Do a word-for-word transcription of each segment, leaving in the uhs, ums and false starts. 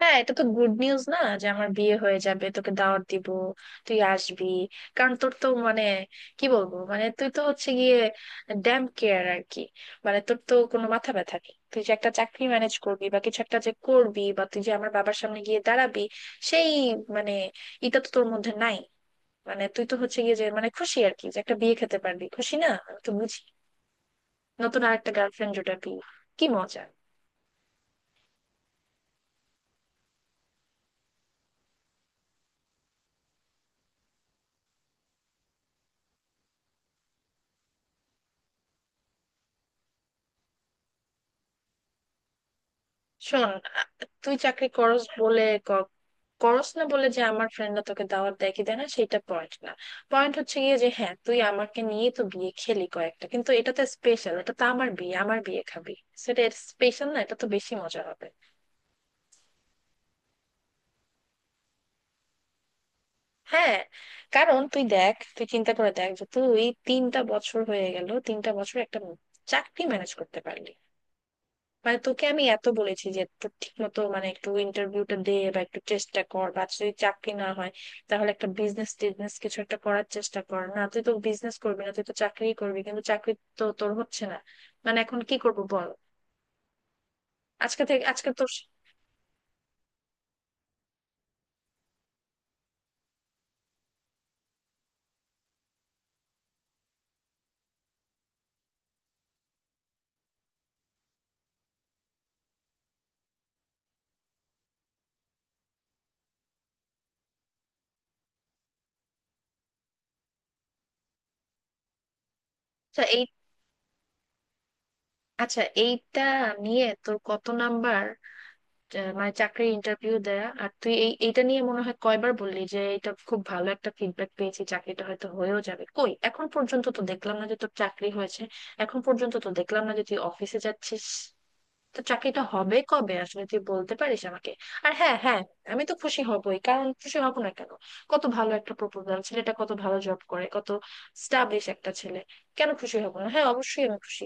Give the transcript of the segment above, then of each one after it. হ্যাঁ, এটা তো গুড নিউজ না যে আমার বিয়ে হয়ে যাবে তোকে দাওয়াত দিব। তুই আসবি। কারণ তোর তো মানে কি বলবো, মানে তুই তো হচ্ছে গিয়ে ড্যাম কেয়ার আর কি। মানে তোর তো কোনো মাথা ব্যথা নেই তুই যে একটা চাকরি ম্যানেজ করবি বা কিছু একটা যে করবি বা তুই যে আমার বাবার সামনে গিয়ে দাঁড়াবি, সেই, মানে এটা তো তোর মধ্যে নাই। মানে তুই তো হচ্ছে গিয়ে যে মানে খুশি আর কি, যে একটা বিয়ে খেতে পারবি খুশি, না আমি তো বুঝি। নতুন আর একটা গার্লফ্রেন্ড জোটাবি, কি মজা। শোন, আ- তুই চাকরি করস বলে ক- করস না বলে যে আমার ফ্রেন্ডরা তোকে দাওয়াত দেয় কি দেয় না সেটা পয়েন্ট না। পয়েন্ট হচ্ছে গিয়ে যে হ্যাঁ, তুই আমাকে নিয়ে তো বিয়ে খেলি কয়েকটা, কিন্তু এটা তো স্পেশাল, এটা তো আমার বিয়ে, আমার বিয়ে খাবি সেটা স্পেশাল না, এটা তো বেশি মজা হবে। হ্যাঁ, কারণ তুই দেখ, তুই চিন্তা করে দেখ যে তুই তিনটা বছর হয়ে গেল, তিনটা বছর একটা চাকরি ম্যানেজ করতে পারলি? মানে তোকে আমি এত বলেছি যে তোর ঠিক মতো মানে একটু ইন্টারভিউটা দে বা একটু চেষ্টা কর, বা যদি চাকরি না হয় তাহলে একটা বিজনেস টিজনেস কিছু একটা করার চেষ্টা কর, না তুই তো বিজনেস করবি না, তুই তো চাকরি করবি, কিন্তু চাকরি তো তোর হচ্ছে না। মানে এখন কি করবো বল। আজকে থেকে আজকে তোর আচ্ছা এই আচ্ছা এইটা নিয়ে তোর কত নাম্বার আহ, মানে চাকরির ইন্টারভিউ দেয়া, আর তুই এই এইটা নিয়ে মনে হয় কয়বার বললি যে এটা খুব ভালো একটা ফিডব্যাক পেয়েছি, চাকরিটা হয়তো হয়েও যাবে, কই এখন পর্যন্ত তো দেখলাম না যে তোর চাকরি হয়েছে। এখন পর্যন্ত তো দেখলাম না যে তুই অফিসে যাচ্ছিস, তো চাকরিটা হবে কবে আসলে তুই বলতে পারিস আমাকে? আর হ্যাঁ, হ্যাঁ, আমি তো খুশি হবই, কারণ খুশি হব না কেন? কত ভালো একটা প্রপোজাল, ছেলেটা কত ভালো জব করে, কত স্টাবলিশ একটা ছেলে, কেন খুশি হব না, হ্যাঁ অবশ্যই আমি খুশি।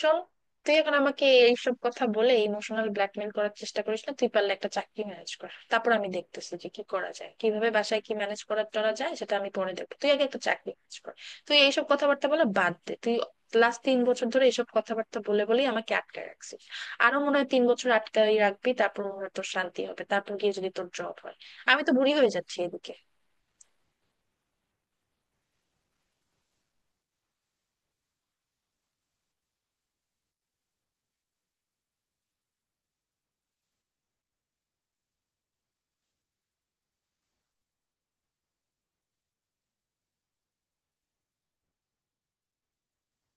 শোন, তুই এখন আমাকে এইসব কথা বলে ইমোশনাল ব্ল্যাকমেল করার চেষ্টা করিস না, তুই পারলে একটা চাকরি ম্যানেজ কর, তারপর আমি দেখতেছি যে কি করা যায়, কিভাবে বাসায় কি ম্যানেজ করা টরা যায় সেটা আমি পরে দেখবো, তুই আগে একটা চাকরি ম্যানেজ কর। তুই এইসব কথাবার্তা বলে বাদ দে, তুই লাস্ট তিন বছর ধরে এইসব কথাবার্তা বলে বলেই আমাকে আটকে রাখছিস, আরো মনে হয় তিন বছর আটকাই রাখবি, তারপর মনে হয় তোর শান্তি হবে, তারপর গিয়ে যদি তোর জব হয়। আমি তো বুড়ি হয়ে যাচ্ছি এদিকে।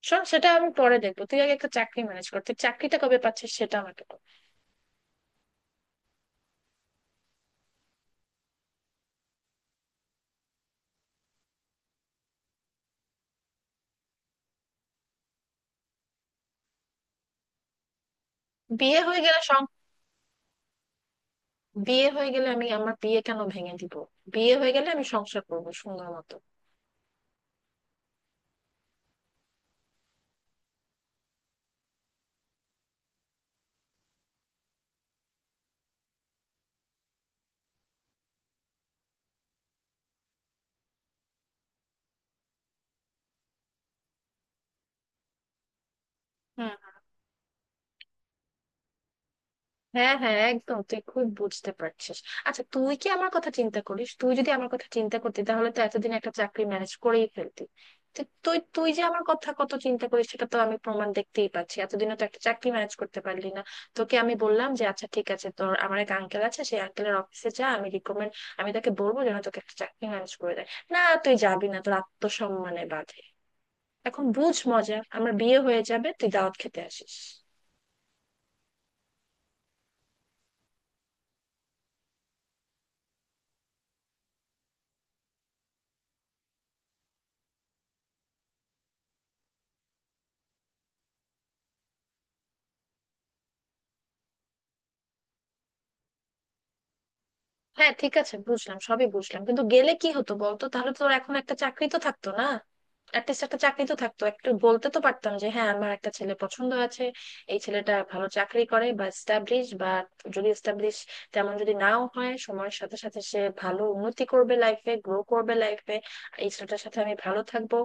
শোন, সেটা আমি পরে দেখবো, তুই আগে একটা চাকরি ম্যানেজ কর, তুই চাকরিটা কবে পাচ্ছিস সেটা আমাকে বল। বিয়ে হয়ে গেলে, বিয়ে হয়ে গেলে আমি আমার বিয়ে কেন ভেঙে দিব? বিয়ে হয়ে গেলে আমি সংসার করবো সুন্দর মতো। হুম। হ্যাঁ, হ্যাঁ, একদম, তুই খুব বুঝতে পারছিস। আচ্ছা তুই কি আমার কথা চিন্তা করিস? তুই যদি আমার কথা চিন্তা করতি তাহলে তো এতদিন একটা চাকরি ম্যানেজ করেই ফেলতি। তো তুই তুই যে আমার কথা কত চিন্তা করিস সেটা তো আমি প্রমাণ দেখতেই পাচ্ছি, এতদিনও তো একটা চাকরি ম্যানেজ করতে পারলি না। তোকে আমি বললাম যে আচ্ছা ঠিক আছে, তোর আমার এক আঙ্কেল আছে, সেই আঙ্কেলের অফিসে যা, আমি রিকমেন্ড, আমি তাকে বলবো যেন তোকে একটা চাকরি ম্যানেজ করে দেয়, না তুই যাবি না, তোর আত্মসম্মানে বাধে। এখন বুঝ মজা, আমার বিয়ে হয়ে যাবে, তুই দাওয়াত খেতে আসিস। হ্যাঁ, ঠিক আছে, বুঝলাম সবই বুঝলাম, কিন্তু গেলে কি হতো বলতো, তাহলে তোর এখন একটা চাকরি তো থাকতো না, অ্যাটলিস্ট একটা চাকরি তো থাকতো, একটু বলতে তো পারতাম যে হ্যাঁ আমার একটা ছেলে পছন্দ আছে, এই ছেলেটা ভালো চাকরি করে বা এস্টাবলিশ, বা যদি এস্টাবলিশ তেমন যদি নাও হয়, সময়ের সাথে সাথে সে ভালো উন্নতি করবে লাইফে, গ্রো করবে লাইফে, এই ছেলেটার সাথে আমি ভালো থাকবো,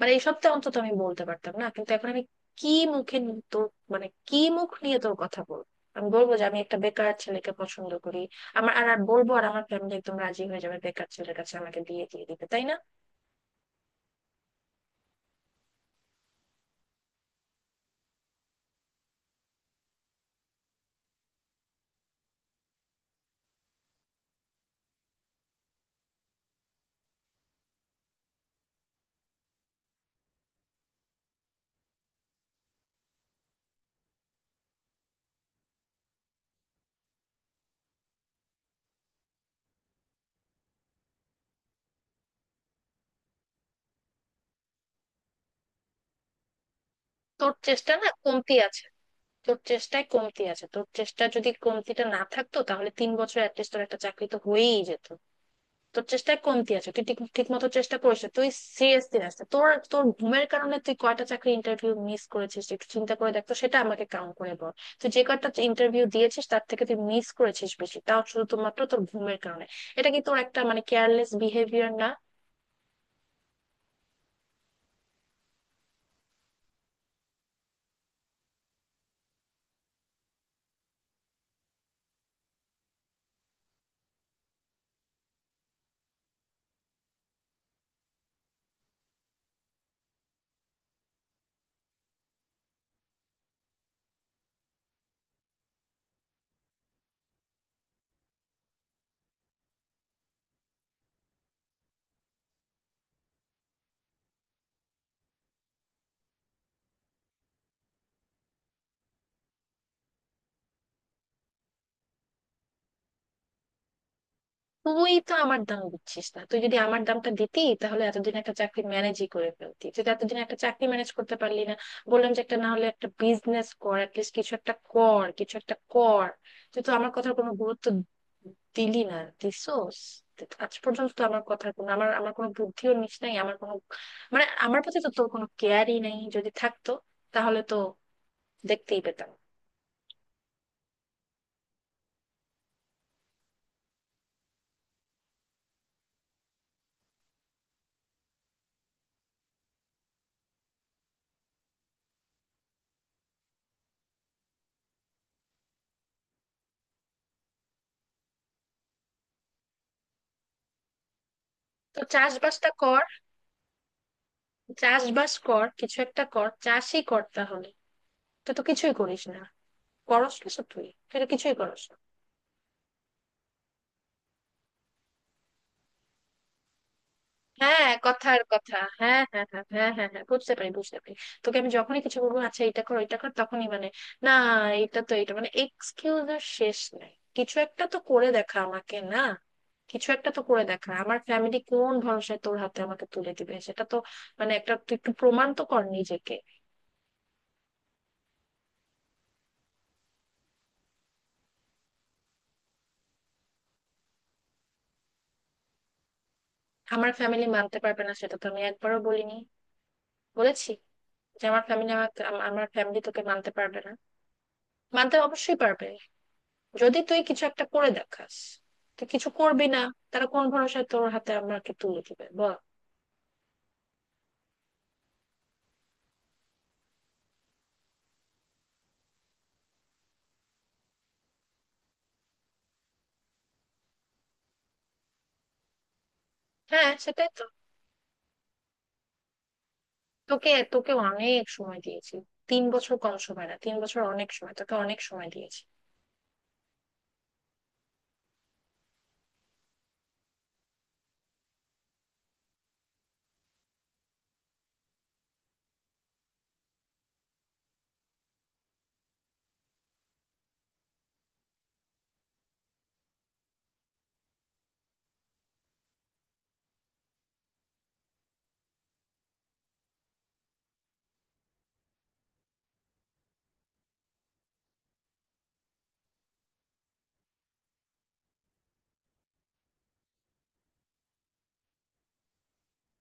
মানে এই সপ্তাহে অন্তত আমি বলতে পারতাম, না কিন্তু এখন আমি কি মুখে নি- তোর, মানে কি মুখ নিয়ে তোর কথা বলবো? আমি বলবো যে আমি একটা বেকার ছেলেকে পছন্দ করি, আমার আর আর বলবো, আর আমার ফ্যামিলি একদম রাজি হয়ে যাবে বেকার ছেলের কাছে আমাকে বিয়ে দিয়ে দিবে তাই না? তোর চেষ্টা না কমতি আছে, তোর চেষ্টায় কমতি আছে, তোর চেষ্টা যদি কমতিটা না থাকতো তাহলে তিন বছর অ্যাটলিস্ট তোর একটা চাকরি তো হয়েই যেত। তোর চেষ্টায় কমতি আছে, তুই ঠিক ঠিক মতো চেষ্টা করিস না, তুই সিরিয়াসলি আসতে তোর তোর ঘুমের কারণে তুই কয়টা চাকরি ইন্টারভিউ মিস করেছিস একটু চিন্তা করে দেখ তো, সেটা আমাকে কাউন্ট করে বল। তুই যে কয়টা ইন্টারভিউ দিয়েছিস তার থেকে তুই মিস করেছিস বেশি, তাও শুধুমাত্র তোর ঘুমের কারণে। এটা কি তোর একটা মানে কেয়ারলেস বিহেভিয়ার না? তুই তো আমার দাম দিচ্ছিস না, তুই যদি আমার দামটা দিতি তাহলে এতদিন একটা চাকরি ম্যানেজই করে ফেলতি, তুই তো এতদিন একটা চাকরি ম্যানেজ করতে পারলি না। বললাম যে একটা না হলে একটা বিজনেস কর, অ্যাটলিস্ট কিছু একটা কর, কিছু একটা কর, তুই তো আমার কথার কোনো গুরুত্ব দিলি না, দিছোস। আজ পর্যন্ত তো আমার কথার কোনো, আমার আমার কোনো বুদ্ধিও নিস নাই, আমার কোনো মানে আমার প্রতি তো তোর কোনো কেয়ারই নেই, যদি থাকতো তাহলে তো দেখতেই পেতাম। তো চাষবাসটা কর, চাষবাস কর, কিছু একটা কর, চাষই কর তাহলে, তুই তো কিছুই করিস না, করস কিছু, তুই তুই তো কিছুই করস না। হ্যাঁ কথার কথা। হ্যাঁ, হ্যাঁ, হ্যাঁ, হ্যাঁ, হ্যাঁ, হ্যাঁ, বুঝতে পারি, বুঝতে পারি। তোকে আমি যখনই কিছু বলবো আচ্ছা এটা কর, এটা কর, তখনই মানে না, এটা তো এটা মানে এক্সকিউজ এর শেষ নাই। কিছু একটা তো করে দেখা আমাকে না, কিছু একটা তো করে দেখা, আমার ফ্যামিলি কোন ভরসায় তোর হাতে আমাকে তুলে দিবে সেটা তো মানে একটা, তুই একটু প্রমাণ তো কর নিজেকে। আমার ফ্যামিলি মানতে পারবে না সেটা তো আমি একবারও বলিনি, বলেছি যে আমার ফ্যামিলি আমাকে আম- আমার ফ্যামিলি তোকে মানতে পারবে না, মানতে অবশ্যই পারবে যদি তুই কিছু একটা করে দেখাস, তুই কিছু করবি না, তারা কোন ভরসায় তোর হাতে আমাকে তুলে দিবে বল? হ্যাঁ সেটাই তো। তোকে তোকে অনেক সময় দিয়েছি, তিন বছর কম সময় না, তিন বছর অনেক সময়, তোকে অনেক সময় দিয়েছি।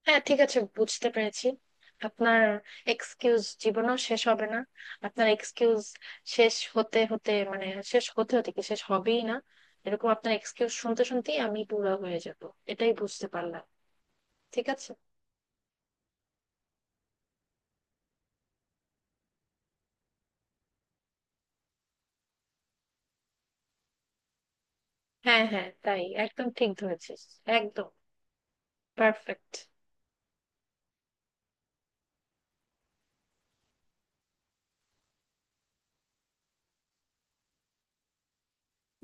হ্যাঁ, ঠিক আছে, বুঝতে পেরেছি। আপনার এক্সকিউজ জীবনও শেষ হবে না, আপনার এক্সকিউজ শেষ হতে হতে মানে শেষ হতে হতে কি শেষ হবেই না? এরকম আপনার এক্সকিউজ শুনতে শুনতেই আমি বুড়া হয়ে যাব, এটাই বুঝতে পারলাম। ঠিক আছে। হ্যাঁ, হ্যাঁ, তাই একদম ঠিক ধরেছিস, একদম পারফেক্ট।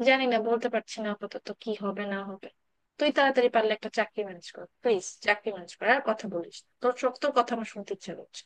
জানি না, বলতে পারছি না আপাতত কি হবে না হবে, তুই তাড়াতাড়ি পারলে একটা চাকরি ম্যানেজ কর প্লিজ, চাকরি ম্যানেজ কর, আর কথা বলিস না। তোর সব তোর কথা আমার শুনতে ইচ্ছে করছে।